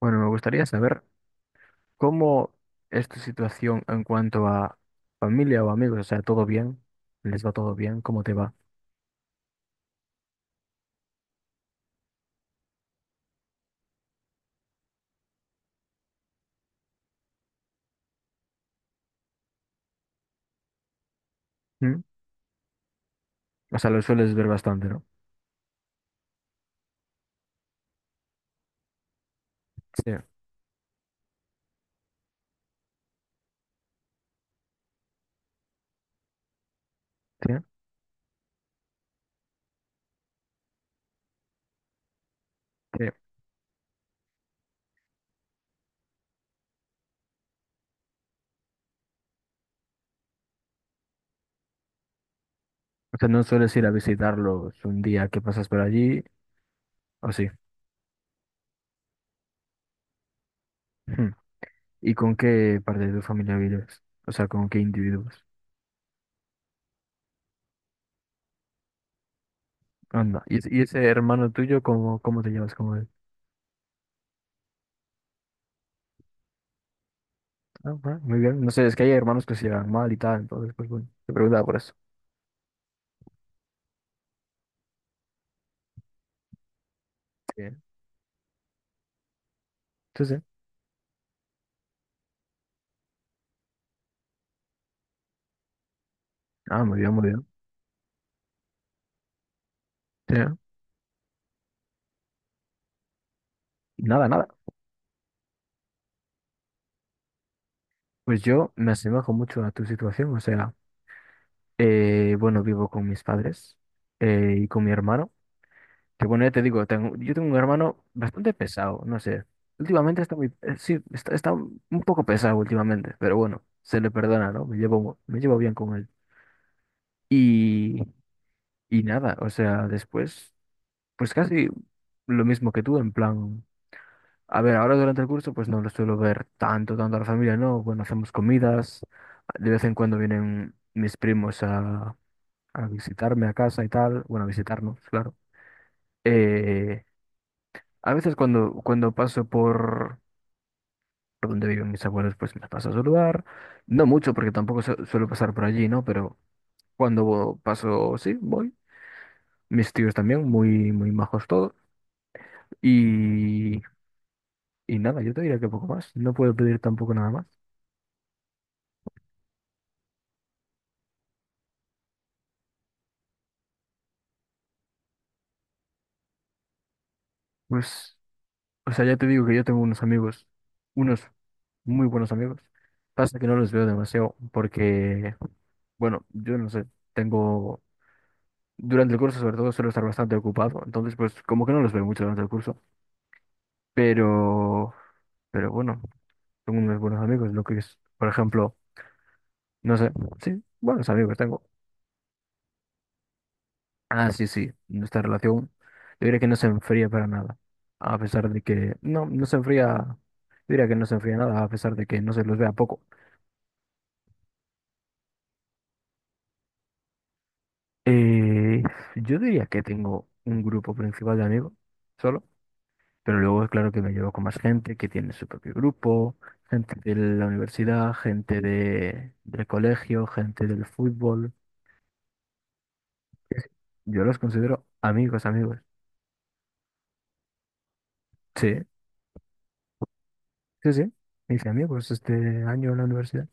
Bueno, me gustaría saber cómo es tu situación en cuanto a familia o amigos. O sea, ¿todo bien? ¿Les va todo bien? ¿Cómo te va? ¿Mm? O sea, lo sueles ver bastante, ¿no? Sí. Sí, sí. O sea, no sueles ir a visitarlos un día que pasas por allí, ¿o sí? Ujú. ¿Y con qué parte de tu familia vives? O sea, ¿con qué individuos? Anda. ¿ Y ese hermano tuyo, cómo te llevas con él? Ah, bueno, muy bien. No sé, es que hay hermanos que se llevan mal y tal, entonces, pues bueno, te preguntaba por eso. Sí. Sí, sí. Ah, muy bien, muy bien. Sí. Nada, nada. Pues yo me asemejo mucho a tu situación, o sea, bueno, vivo con mis padres y con mi hermano, que bueno, ya te digo, yo tengo un hermano bastante pesado, no sé, últimamente está muy, sí, está un poco pesado últimamente, pero bueno, se le perdona, ¿no? Me llevo bien con él. Y, y nada, o sea, después, pues casi lo mismo que tú, en plan. A ver, ahora durante el curso pues no lo suelo ver tanto, tanto a la familia, ¿no? Bueno, hacemos comidas, de vez en cuando vienen mis primos a visitarme a casa y tal, bueno, a visitarnos, claro. Eh, a veces cuando paso por donde viven mis abuelos pues me paso a saludar, no mucho porque tampoco su- suelo pasar por allí, ¿no? Pero cuando paso, sí, voy. Mis tíos también, muy, muy majos todos. Y, y nada, yo te diría que poco más, no puedo pedir tampoco nada más. Pues. O sea, ya te digo que yo tengo unos amigos, unos muy buenos amigos. Pasa que no los veo demasiado porque, bueno, yo no sé, tengo, durante el curso sobre todo suelo estar bastante ocupado, entonces pues como que no los veo mucho durante el curso, pero, pero bueno, tengo unos buenos amigos, lo que es, por ejemplo, no sé, sí, buenos amigos tengo. Ah, sí, sí, nuestra relación, yo diría que no se enfría para nada, a pesar de que, no se enfría, yo diría que no se enfría nada, a pesar de que no se los vea poco. Eh, yo diría que tengo un grupo principal de amigos solo, pero luego es claro que me llevo con más gente que tiene su propio grupo, gente de la universidad, gente del colegio, gente del fútbol. Sí, sí. Yo los considero amigos, amigos. Sí, sí, sí. Me hice amigos este año en la universidad.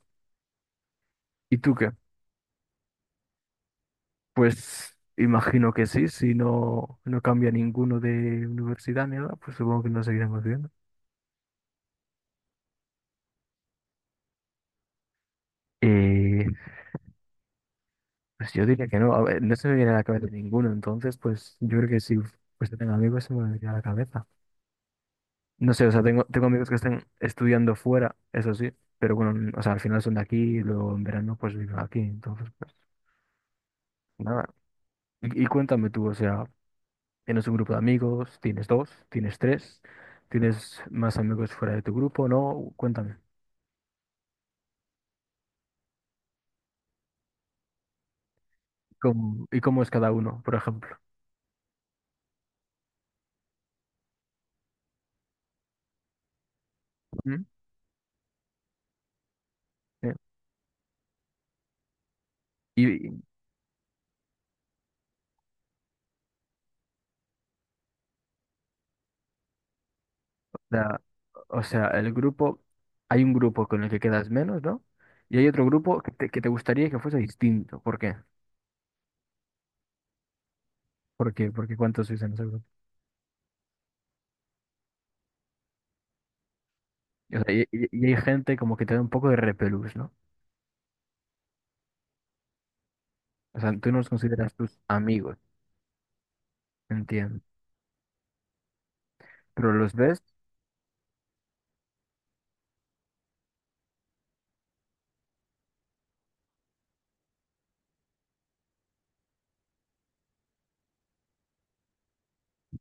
¿Y tú qué? Pues imagino que sí, si no, no cambia ninguno de universidad ni nada, pues supongo que nos seguiremos viendo. Eh, Pues yo diría que no, a ver, no se me viene a la cabeza ninguno, entonces pues yo creo que si pues tengo amigos se me vendría a la cabeza. No sé, o sea, tengo amigos que están estudiando fuera, eso sí, pero bueno, n- o sea, al final son de aquí y luego en verano pues viven aquí, entonces pues nada. Y cuéntame tú, o sea, ¿tienes un grupo de amigos? ¿Tienes dos? ¿Tienes tres? ¿Tienes más amigos fuera de tu grupo? No, cuéntame. ¿ Y cómo es cada uno, por ejemplo? ¿Mm? Eh, ¿Y, La- o sea, el grupo, hay un grupo con el que quedas menos, ¿no? Y hay otro grupo que te gustaría que fuese distinto. ¿Por qué? Porque ¿cuántos sois en ese grupo? O sea, y hay gente como que te da un poco de repelús, ¿no? O sea, tú no los consideras tus amigos, entiendo. Pero los ves,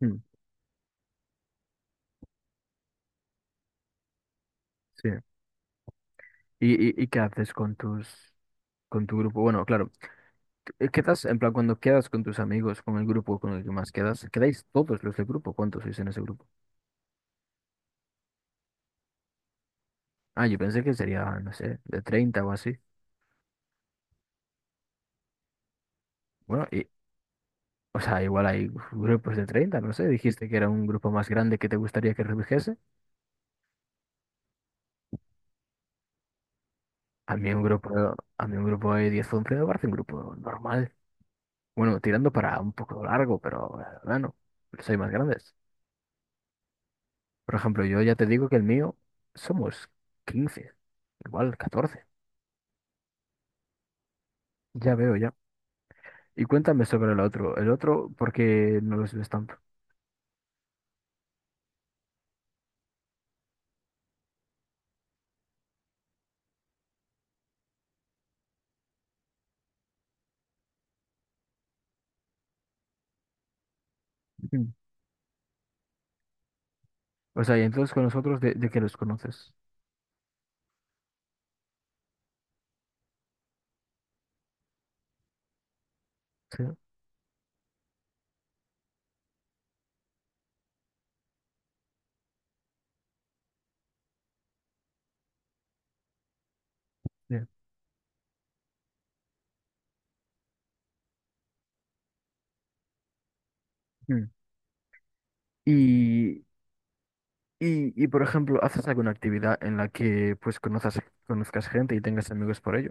mm, sí. Y qué haces con con tu grupo? Bueno, claro, quedas, en plan, cuando quedas con tus amigos, con el grupo con el que más quedas, ¿quedáis todos los del grupo? ¿Cuántos sois en ese grupo? Ah, yo pensé que sería, no sé, de 30 o así. Bueno, y, O sea, igual hay grupos de 30 no sé, dijiste que era un grupo más grande que te gustaría que redujese. A mí un grupo de 10 o 11 me parece un grupo normal. Bueno, tirando para un poco largo, pero bueno, soy más grandes. Por ejemplo, yo ya te digo que el mío somos 15 igual 14. Ya veo, ya. Y cuéntame sobre el otro. El otro, ¿por qué no los ves tanto? Ujú. O sea, y entonces con nosotros, de qué los conoces? Sí. Bien. Mm. Y y, por ejemplo, ¿haces alguna actividad en la que pues conozcas gente y tengas amigos por ello?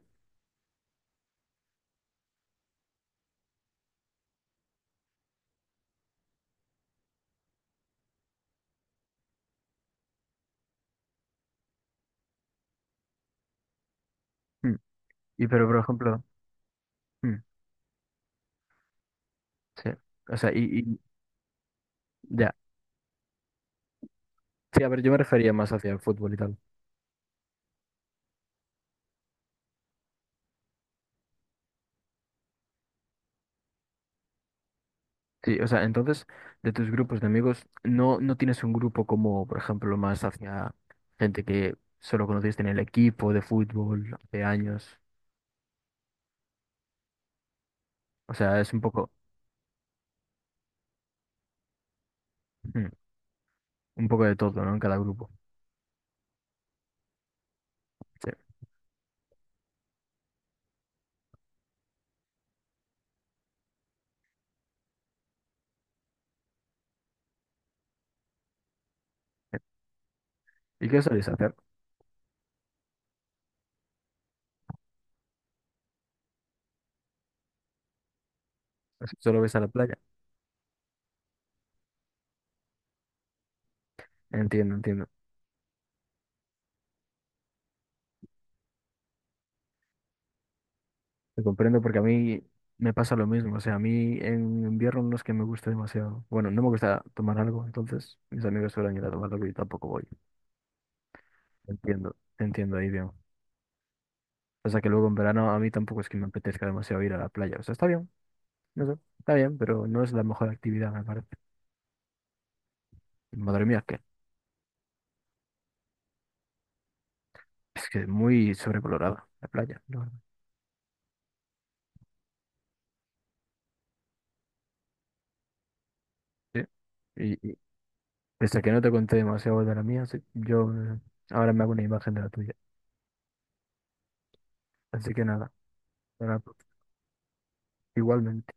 Mm. Y pero por ejemplo, mm, sí. O sea, y, y ya. Sí, a ver, yo me refería más hacia el fútbol y tal. Sí, o sea, entonces, de tus grupos de amigos, no tienes un grupo como, por ejemplo, más hacia gente que solo conociste en el equipo de fútbol hace años. O sea, es un poco, mm, un poco de todo, ¿no? En cada grupo. Sí, sí. ¿Y qué soléis hacer? ¿Solo vais a la playa? Entiendo, entiendo. Te comprendo porque a mí me pasa lo mismo. O sea, a mí en invierno no es que me guste demasiado. Bueno, no me gusta tomar algo, entonces mis amigos suelen ir a tomar algo y yo tampoco voy. Te entiendo ahí bien. Pasa que luego en verano a mí tampoco es que me apetezca demasiado ir a la playa. O sea, está bien, no sé, está bien, pero no es la mejor actividad, me parece. Madre mía, que es muy sobrevalorada la playa, la verdad. Sí. Y pese a que no te conté demasiado de la mía, sí, yo ahora me hago una imagen de la tuya. Así que nada, nada, igualmente.